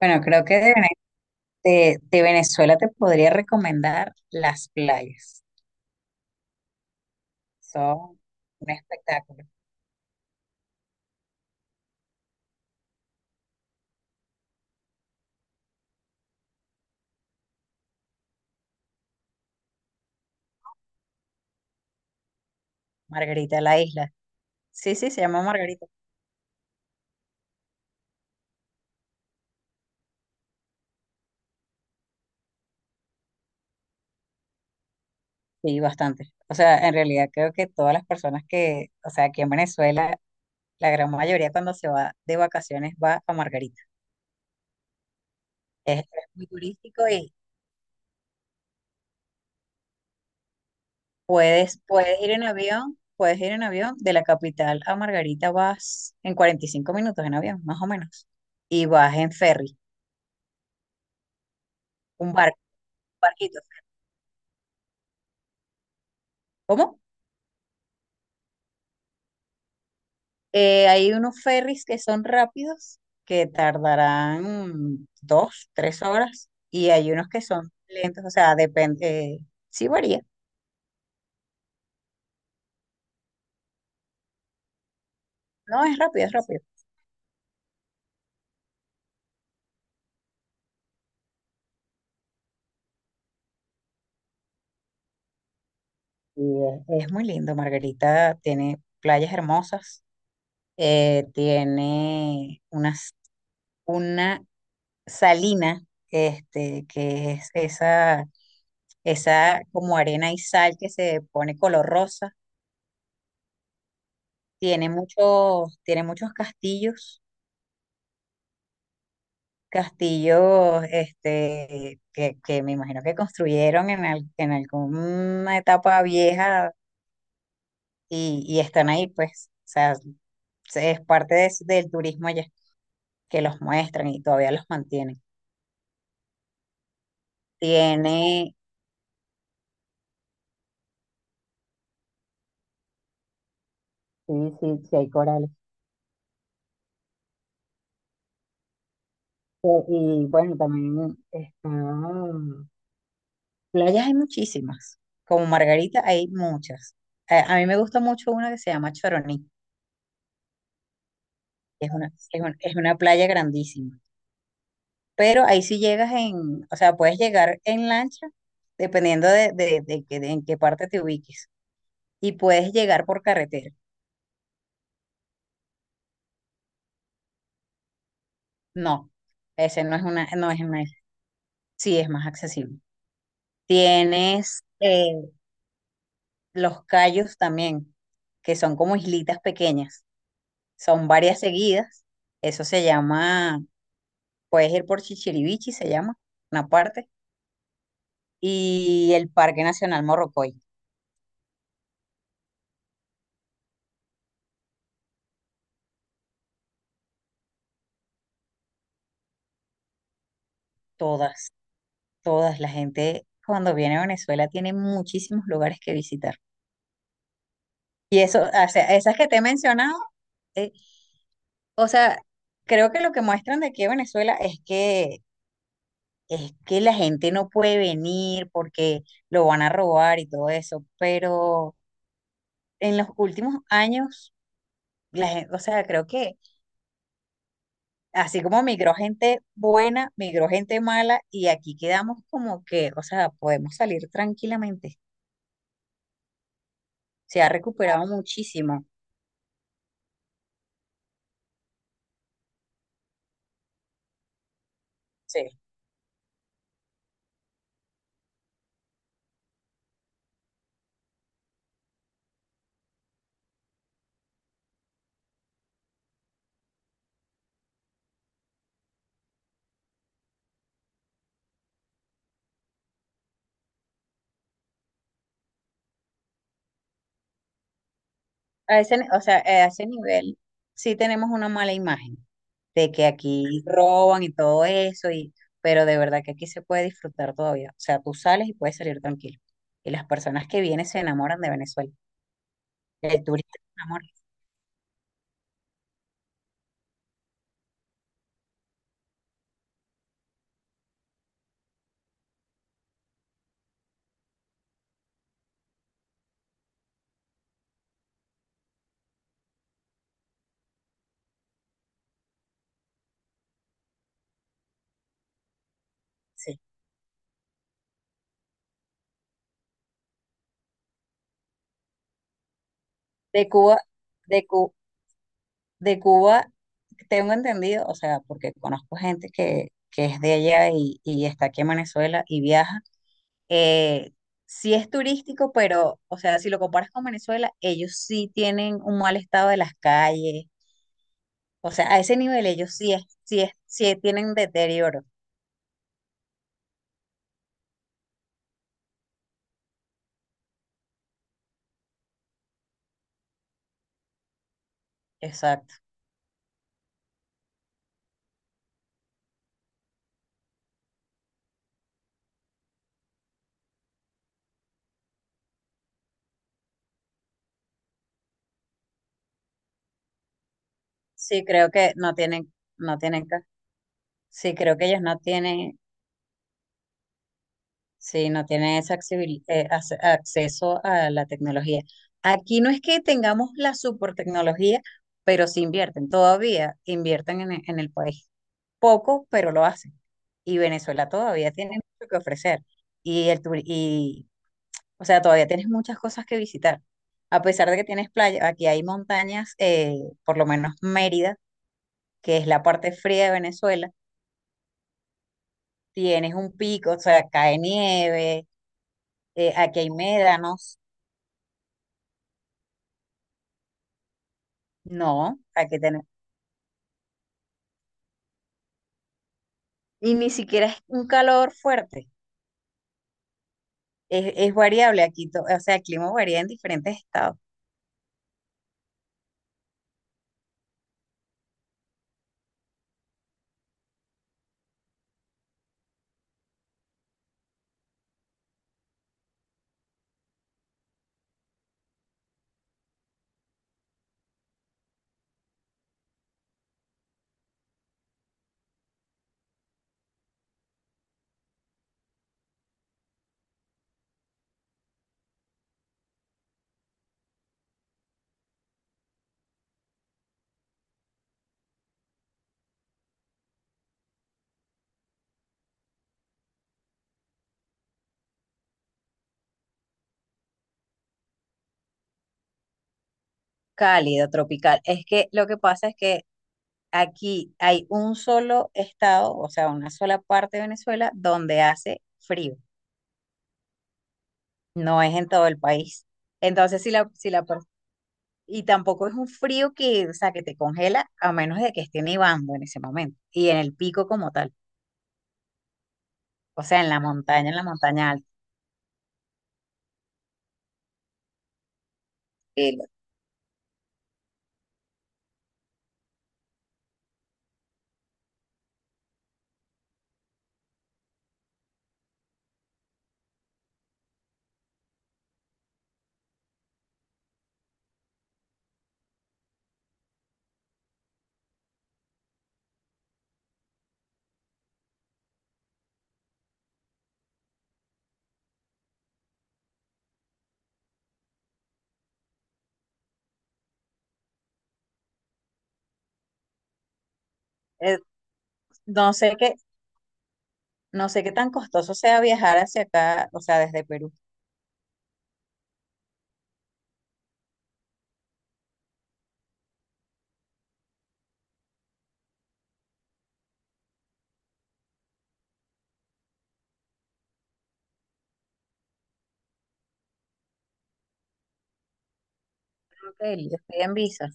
Bueno, creo que de Venezuela te podría recomendar las playas. Son un espectáculo. Margarita la Isla. Sí, sí, se llama Margarita. Sí, bastante. O sea, en realidad creo que todas las personas que, o sea, aquí en Venezuela, la gran mayoría cuando se va de vacaciones va a Margarita. Es muy turístico y puedes ir en avión, puedes ir en avión. De la capital a Margarita vas en 45 minutos en avión, más o menos. Y vas en ferry, un barco, un barquito. ¿Cómo? Hay unos ferries que son rápidos, que tardarán 2, 3 horas, y hay unos que son lentos, o sea, depende, eh, sí varía. No, es rápido, es rápido. Y es muy lindo. Margarita tiene playas hermosas. Tiene una salina, que es esa como arena y sal que se pone color rosa. Tiene muchos castillos, que me imagino que construyeron en alguna etapa vieja, y están ahí, pues, o sea, es parte del turismo allá, que los muestran y todavía los mantienen. Tiene, sí, sí, sí hay corales. Y bueno, también playas hay muchísimas, como Margarita hay muchas. A mí me gusta mucho una que se llama Choroní. Es una playa grandísima, pero ahí sí llegas o sea, puedes llegar en lancha, dependiendo de en qué parte te ubiques, y puedes llegar por carretera. No, ese no es una isla. Sí es más accesible. Tienes los cayos también, que son como islitas pequeñas, son varias seguidas. Eso se llama, puedes ir por Chichirivichi, se llama, una parte, y el Parque Nacional Morrocoy. Todas. Todas. La gente cuando viene a Venezuela tiene muchísimos lugares que visitar. Y eso, o sea, esas que te he mencionado, eh, o sea, creo que lo que muestran de aquí a Venezuela es que la gente no puede venir porque lo van a robar y todo eso. Pero en los últimos años, la gente, o sea, creo que así como migró gente buena, migró gente mala, y aquí quedamos como que, o sea, podemos salir tranquilamente. Se ha recuperado muchísimo. Sí. A ese, ni- O sea, a ese nivel sí tenemos una mala imagen de que aquí roban y todo eso, y pero de verdad que aquí se puede disfrutar todavía. O sea, tú sales y puedes salir tranquilo. Y las personas que vienen se enamoran de Venezuela. El turista se enamora. Sí. De Cuba, de Cu- de Cuba, tengo entendido, o sea, porque conozco gente que es de allá, y está aquí en Venezuela y viaja. Eh, sí es turístico, pero, o sea, si lo comparas con Venezuela, ellos sí tienen un mal estado de las calles. O sea, a ese nivel ellos sí tienen deterioro. Exacto. Sí, creo que ellos no tienen, Sí, no tiene ese acceso a la tecnología. Aquí no es que tengamos la super tecnología, pero sí invierten, todavía invierten en el país. Poco, pero lo hacen. Y Venezuela todavía tiene mucho que ofrecer. Y, o sea, todavía tienes muchas cosas que visitar. A pesar de que tienes playa, aquí hay montañas, por lo menos Mérida, que es la parte fría de Venezuela. Tienes un pico, o sea, cae nieve. Aquí hay médanos. No, hay que tener. Y ni siquiera es un calor fuerte. Es variable aquí, o sea, el clima varía en diferentes estados. Cálido, tropical. Es que lo que pasa es que aquí hay un solo estado, o sea, una sola parte de Venezuela donde hace frío. No es en todo el país. Entonces, y tampoco es un frío que, o sea, que te congela, a menos de que esté nevando en ese momento y en el pico como tal, o sea, en la montaña alta. Y, eh, no sé qué, no sé qué tan costoso sea viajar hacia acá, o sea, desde Perú. Ok, yo estoy en visa.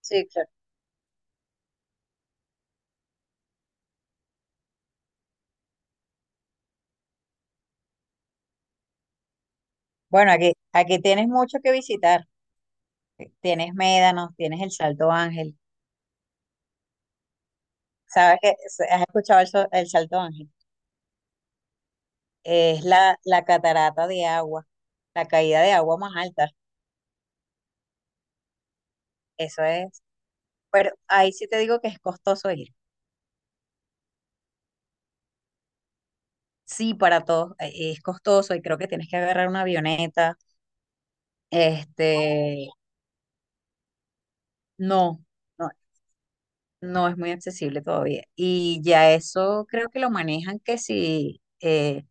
Sí, claro. Bueno, aquí, aquí tienes mucho que visitar. Tienes Médanos, tienes el Salto Ángel. ¿Sabes que has escuchado el Salto Ángel? Es la, la catarata de agua, la caída de agua más alta. Eso es. Pero ahí sí te digo que es costoso ir. Sí, para todos es costoso, y creo que tienes que agarrar una avioneta. Este, no, no, no es muy accesible todavía. Y ya eso creo que lo manejan, que si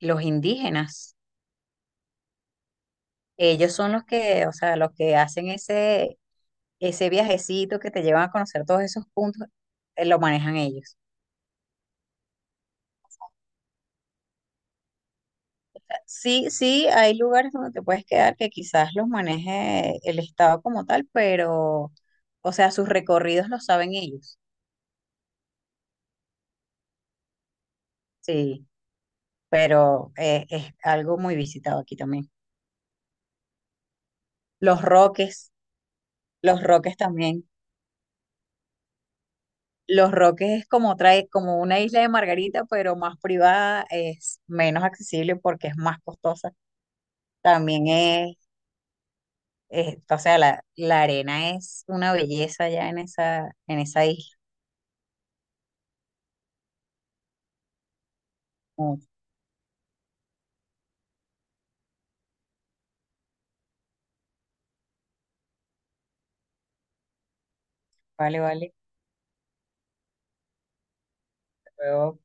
los indígenas, ellos son los que, o sea, los que hacen ese, ese viajecito que te llevan a conocer todos esos puntos. Lo manejan ellos. Sí, sí, hay lugares donde te puedes quedar que quizás los maneje el Estado como tal, pero, o sea, sus recorridos los saben ellos. Sí, pero es algo muy visitado aquí también. Los Roques, los Roques también. Los Roques es como trae, como una isla de Margarita, pero más privada. Es menos accesible porque es más costosa. También o sea, la arena es una belleza ya en esa isla. Mucho. Vale, vale. Luego